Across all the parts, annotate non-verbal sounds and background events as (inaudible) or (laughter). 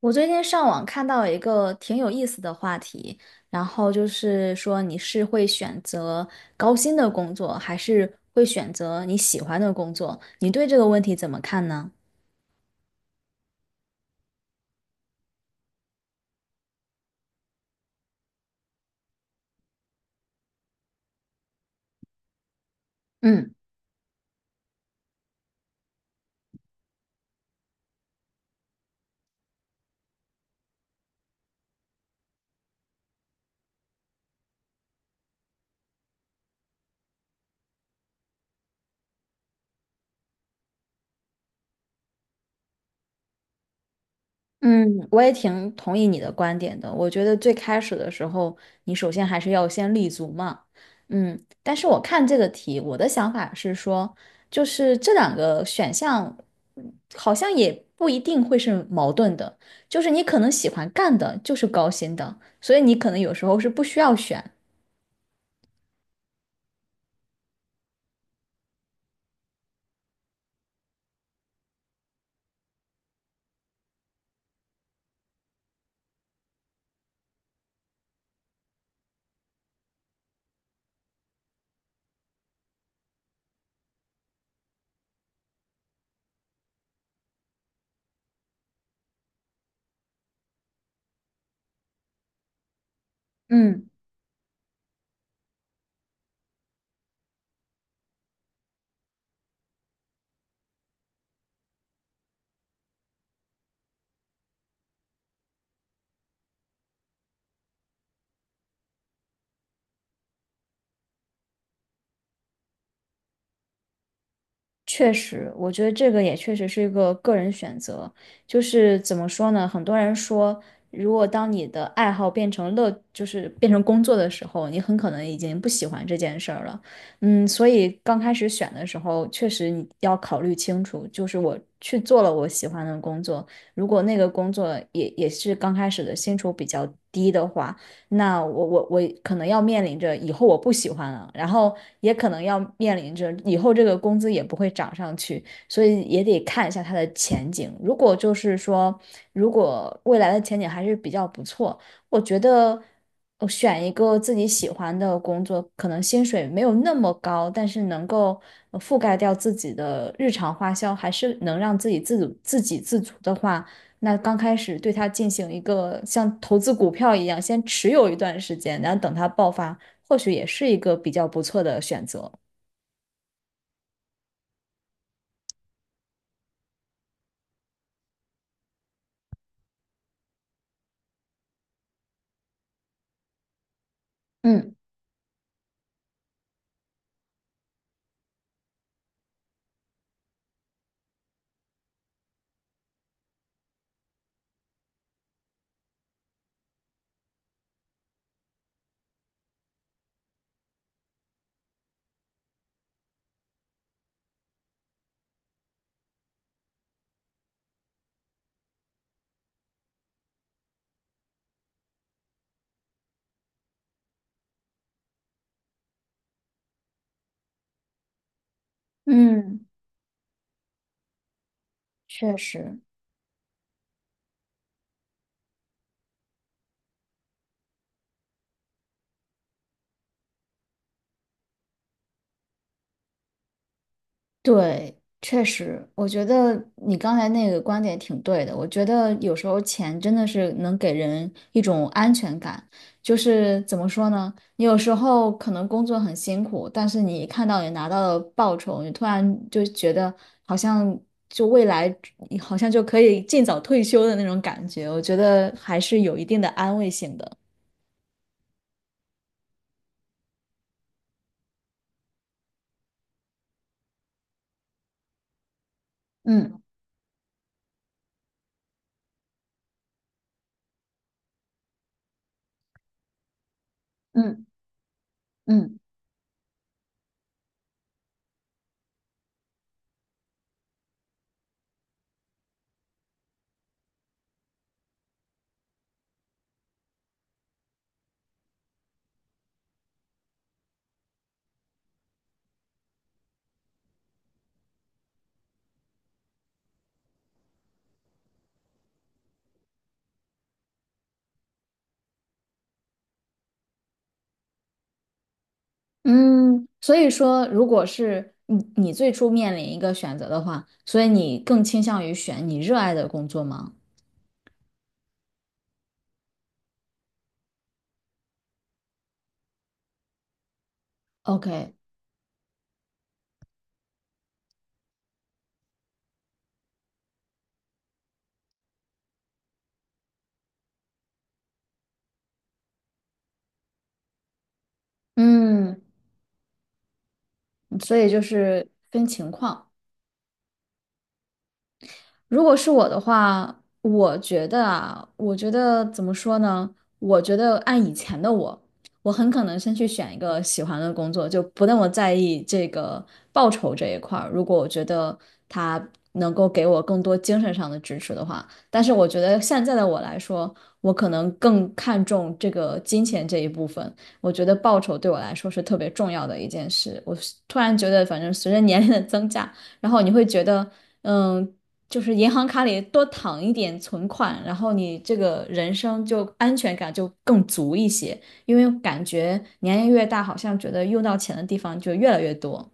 我最近上网看到一个挺有意思的话题，然后就是说你是会选择高薪的工作，还是会选择你喜欢的工作？你对这个问题怎么看呢？嗯。嗯，我也挺同意你的观点的。我觉得最开始的时候，你首先还是要先立足嘛。嗯，但是我看这个题，我的想法是说，就是这两个选项嗯好像也不一定会是矛盾的。就是你可能喜欢干的就是高薪的，所以你可能有时候是不需要选。嗯。确实，我觉得这个也确实是一个个人选择。就是怎么说呢？很多人说，如果当你的爱好变成乐，就是变成工作的时候，你很可能已经不喜欢这件事儿了。嗯，所以刚开始选的时候，确实你要考虑清楚，就是我去做了我喜欢的工作，如果那个工作也是刚开始的薪酬比较低的话。那我可能要面临着以后我不喜欢了，然后也可能要面临着以后这个工资也不会涨上去，所以也得看一下它的前景。如果就是说，如果未来的前景还是比较不错，我觉得我选一个自己喜欢的工作，可能薪水没有那么高，但是能够覆盖掉自己的日常花销，还是能让自己自主、自给自足的话。那刚开始对它进行一个像投资股票一样，先持有一段时间，然后等它爆发，或许也是一个比较不错的选择。嗯嗯，确实。对，确实，我觉得你刚才那个观点挺对的。我觉得有时候钱真的是能给人一种安全感，就是怎么说呢？你有时候可能工作很辛苦，但是你一看到你拿到了报酬，你突然就觉得好像就未来好像就可以尽早退休的那种感觉，我觉得还是有一定的安慰性的。嗯嗯嗯。嗯，所以说，如果是你最初面临一个选择的话，所以你更倾向于选你热爱的工作吗？OK，嗯，所以就是分情况。如果是我的话，我觉得啊，我觉得怎么说呢？我觉得按以前的我，我很可能先去选一个喜欢的工作，就不那么在意这个报酬这一块儿。如果我觉得他能够给我更多精神上的支持的话，但是我觉得现在的我来说，我可能更看重这个金钱这一部分。我觉得报酬对我来说是特别重要的一件事。我突然觉得，反正随着年龄的增加，然后你会觉得。嗯，就是银行卡里多躺一点存款，然后你这个人生就安全感就更足一些，因为感觉年龄越大，好像觉得用到钱的地方就越来越多。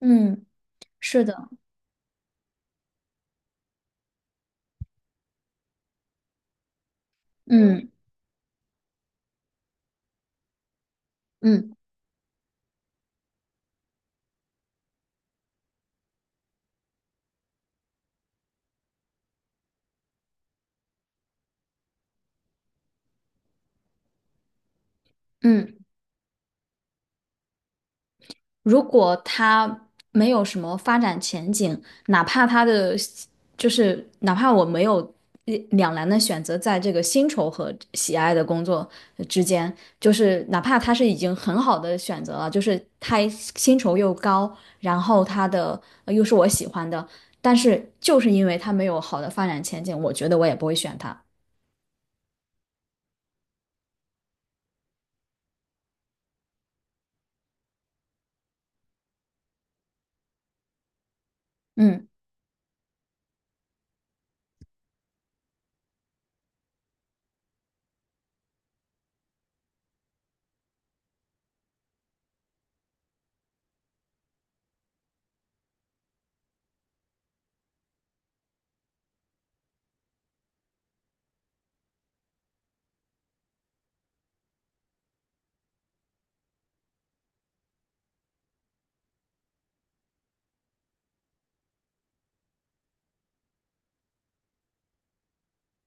嗯，是的，嗯嗯嗯。如果他没有什么发展前景，哪怕他的就是哪怕我没有两难的选择，在这个薪酬和喜爱的工作之间，就是哪怕他是已经很好的选择了，就是他薪酬又高，然后他的又是我喜欢的，但是就是因为他没有好的发展前景，我觉得我也不会选他。嗯。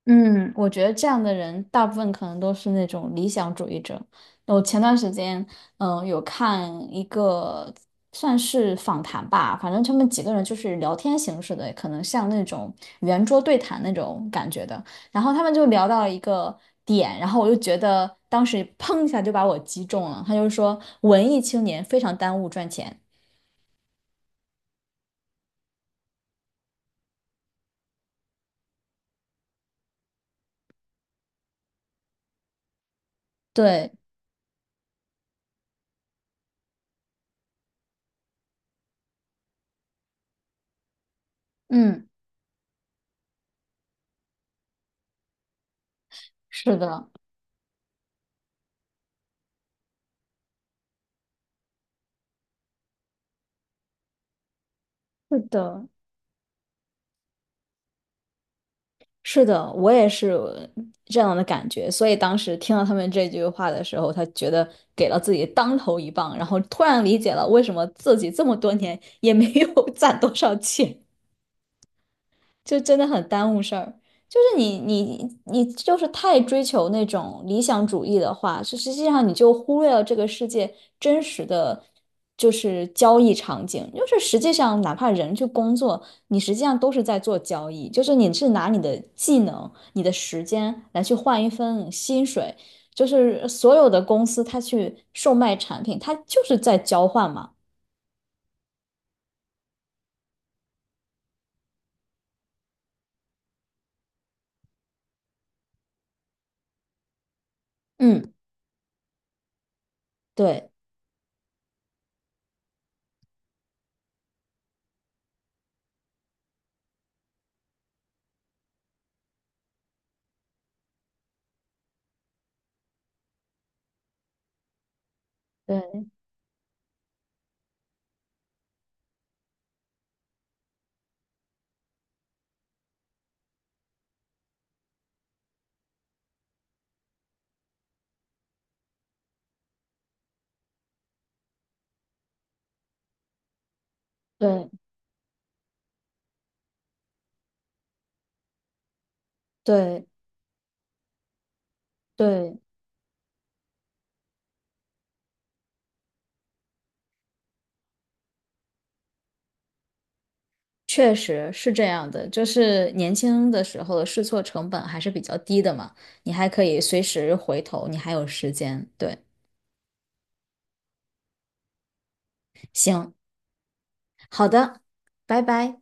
嗯，我觉得这样的人大部分可能都是那种理想主义者。我前段时间，有看一个算是访谈吧，反正他们几个人就是聊天形式的，可能像那种圆桌对谈那种感觉的。然后他们就聊到了一个点，然后我就觉得当时砰一下就把我击中了。他就说，文艺青年非常耽误赚钱。对，嗯，是的，是的。是的，我也是这样的感觉，所以当时听到他们这句话的时候，他觉得给了自己当头一棒，然后突然理解了为什么自己这么多年也没有 (laughs) 攒多少钱。就真的很耽误事儿。就是你就是太追求那种理想主义的话，就实际上你就忽略了这个世界真实的就是交易场景。就是实际上，哪怕人去工作，你实际上都是在做交易，就是你是拿你的技能、你的时间来去换一份薪水。就是所有的公司，它去售卖产品，它就是在交换嘛。嗯，对对对对。对，确实是这样的，就是年轻的时候的试错成本还是比较低的嘛，你还可以随时回头，你还有时间。对，行，好的，拜拜。